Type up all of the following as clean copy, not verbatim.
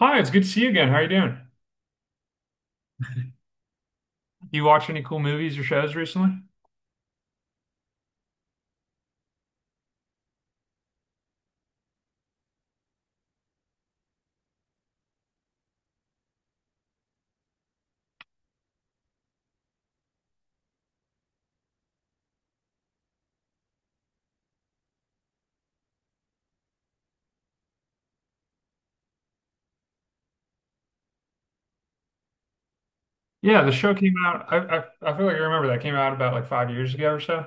Hi, it's good to see you again. How are you doing? You watch any cool movies or shows recently? Yeah, the show came out. I feel like I remember that came out about like 5 years ago or so.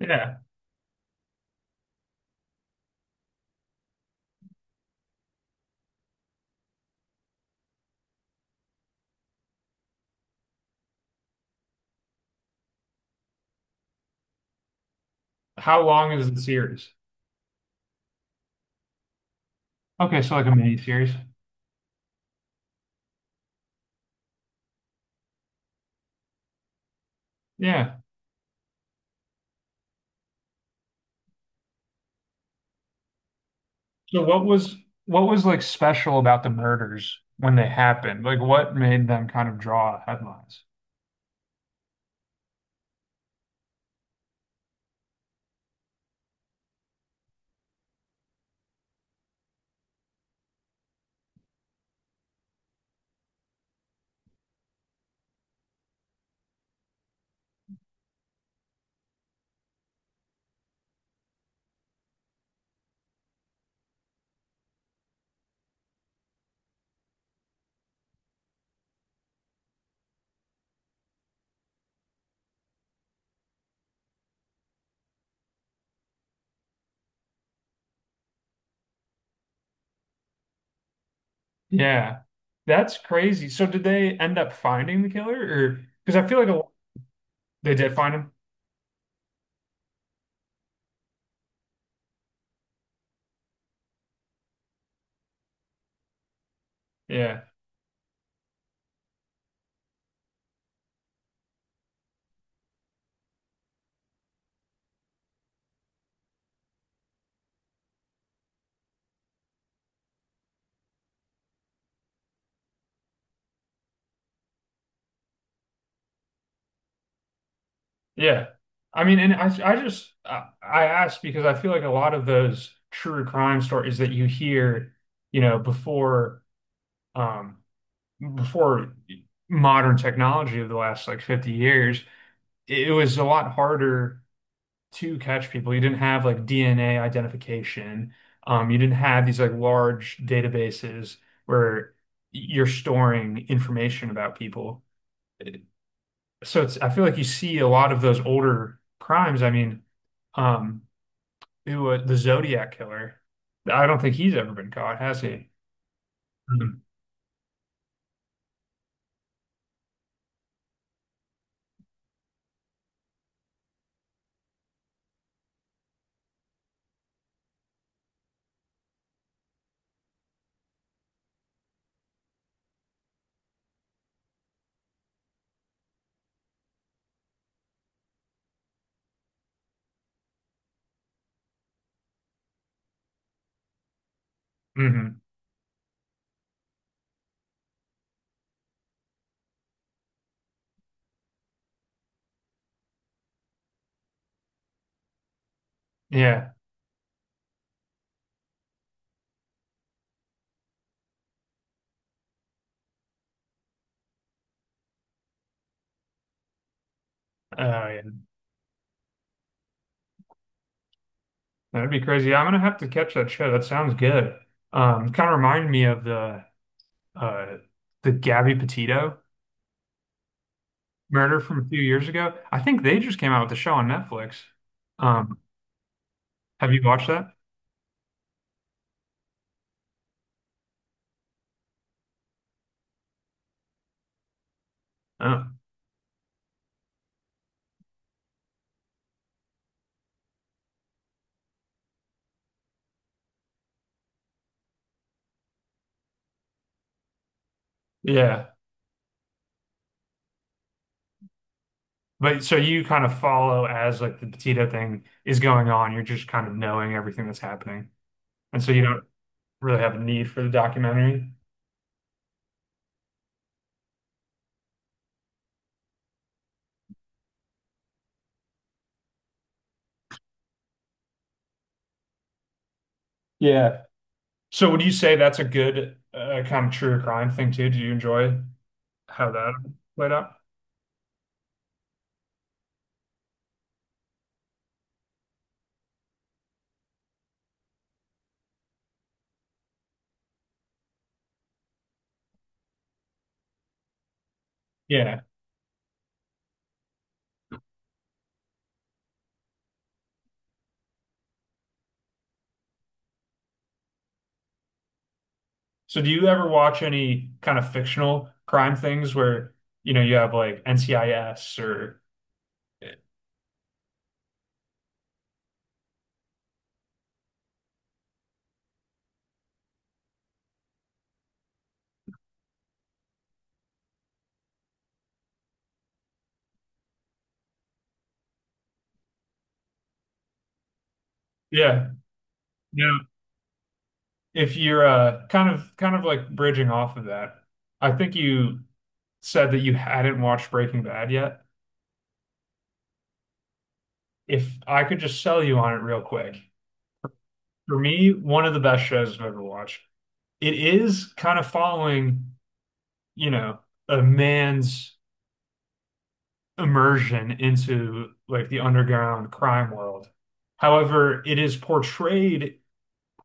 Yeah. How long is the series? Okay, so like a mini series. Yeah. So what was like special about the murders when they happened? Like what made them kind of draw headlines? Yeah. That's crazy. So did they end up finding the killer? Or because I feel like a, They did find him. Yeah. Yeah. I mean, and I just, I asked because I feel like a lot of those true crime stories that you hear, you know, before, um, before modern technology of the last like 50 years, it was a lot harder to catch people. You didn't have like DNA identification. You didn't have these like large databases where you're storing information about people, so it's I feel like you see a lot of those older crimes. Um, it was the Zodiac killer. I don't think he's ever been caught, has he? Mm-hmm. Yeah. Oh, yeah. That'd be crazy. I'm gonna have to catch that show. That sounds good. Kind of reminded me of uh the Gabby Petito murder from a few years ago. I think they just came out with a show on Netflix. Um, have you watched that? Oh, yeah. But so you kind of follow as like the Petito thing is going on. You're just kind of knowing everything that's happening. And so you don't really have a need for the documentary. Yeah. So would you say that's a good kind of true crime thing too? Do you enjoy how that played out? Yeah. So do you ever watch any kind of fictional crime things where, you know, you have like NCIS or yeah. Yeah. If you're kind of like bridging off of that, I think you said that you hadn't watched Breaking Bad yet. If I could just sell you on it real quick, for me, one of the best shows I've ever watched. It is kind of following, you know, a man's immersion into like the underground crime world. However, it is portrayed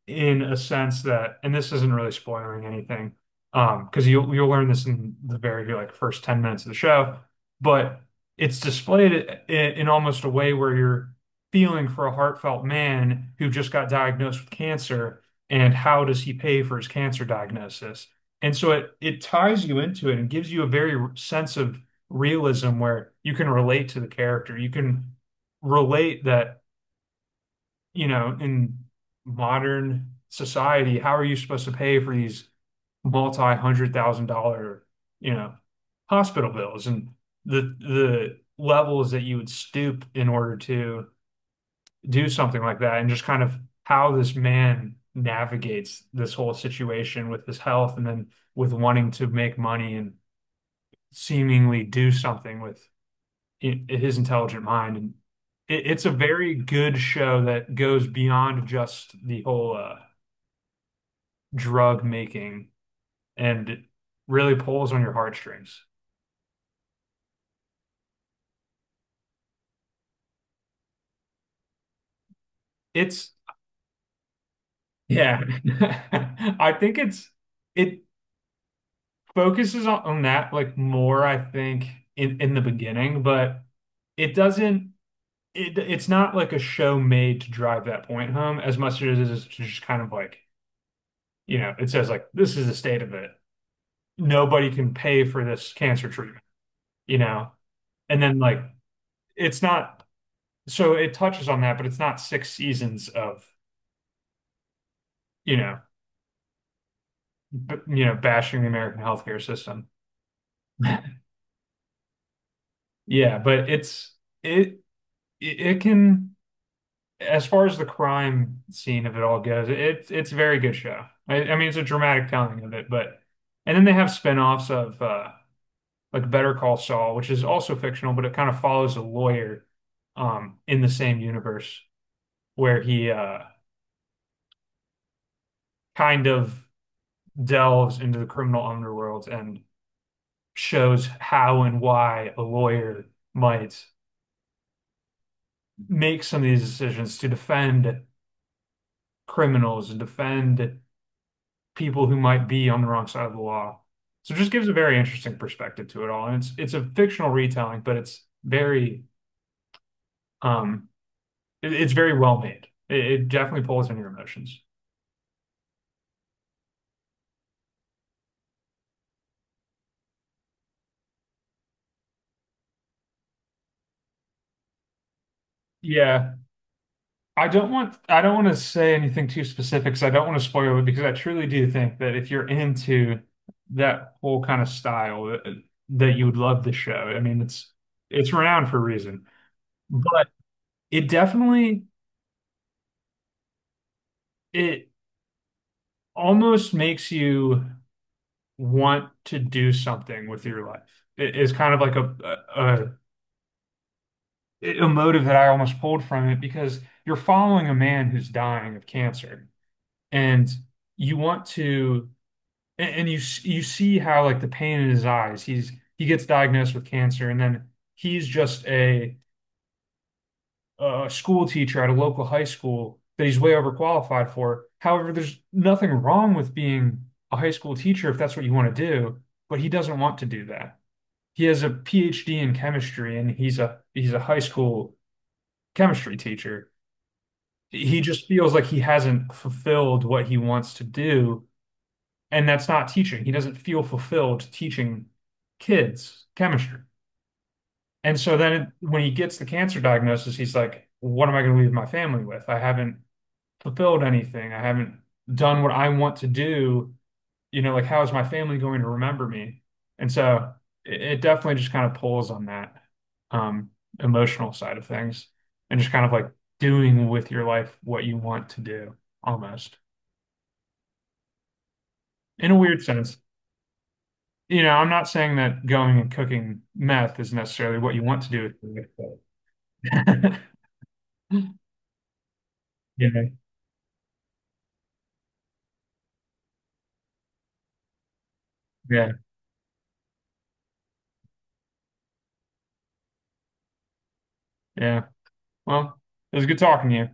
in a sense that, and this isn't really spoiling anything, because you'll learn this in the very like first 10 minutes of the show, but it's displayed in almost a way where you're feeling for a heartfelt man who just got diagnosed with cancer. And how does he pay for his cancer diagnosis? And so it ties you into it and gives you a very sense of realism where you can relate to the character. You can relate that, you know, in modern society, how are you supposed to pay for these multi-hundred thousand dollar, you know, hospital bills and the levels that you would stoop in order to do something like that, and just kind of how this man navigates this whole situation with his health and then with wanting to make money and seemingly do something with his intelligent mind. And it's a very good show that goes beyond just the whole drug making, and really pulls on your heartstrings. It's yeah, I think it focuses on that like more, I think, in the beginning, but it doesn't. It's not like a show made to drive that point home as much as it is to just kind of like, you know, it says like this is the state of it. Nobody can pay for this cancer treatment, you know? And then like it's not so it touches on that, but it's not six seasons of, you know, b you know, bashing the American healthcare system. Yeah, but it's it it it can as far as the crime scene of it all goes, it's a very good show. I mean, it's a dramatic telling of it. But and then they have spin-offs of like Better Call Saul, which is also fictional, but it kind of follows a lawyer in the same universe, where he kind of delves into the criminal underworld and shows how and why a lawyer might make some of these decisions to defend criminals and defend people who might be on the wrong side of the law. So it just gives a very interesting perspective to it all. And it's a fictional retelling, but it's very um it's very well made. It definitely pulls on your emotions. Yeah. I don't want to say anything too specific because I don't want to spoil it, because I truly do think that if you're into that whole kind of style that you would love the show. I mean, it's renowned for a reason. But it definitely it almost makes you want to do something with your life. It is kind of like a motive that I almost pulled from it, because you're following a man who's dying of cancer, and you want to and you you see how like the pain in his eyes. He gets diagnosed with cancer, and then he's just a school teacher at a local high school that he's way overqualified for. However, there's nothing wrong with being a high school teacher if that's what you want to do, but he doesn't want to do that. He has a PhD in chemistry, and he's a high school chemistry teacher. He just feels like he hasn't fulfilled what he wants to do. And that's not teaching. He doesn't feel fulfilled teaching kids chemistry. And so then when he gets the cancer diagnosis, he's like, what am I going to leave my family with? I haven't fulfilled anything. I haven't done what I want to do. You know, like, how is my family going to remember me? And so it definitely just kind of pulls on that um, emotional side of things, and just kind of like doing with your life what you want to do, almost, in a weird sense. You know, I'm not saying that going and cooking meth is necessarily what you want to do with your life, but- Yeah, yeah, yeah. Well, it was good talking to you.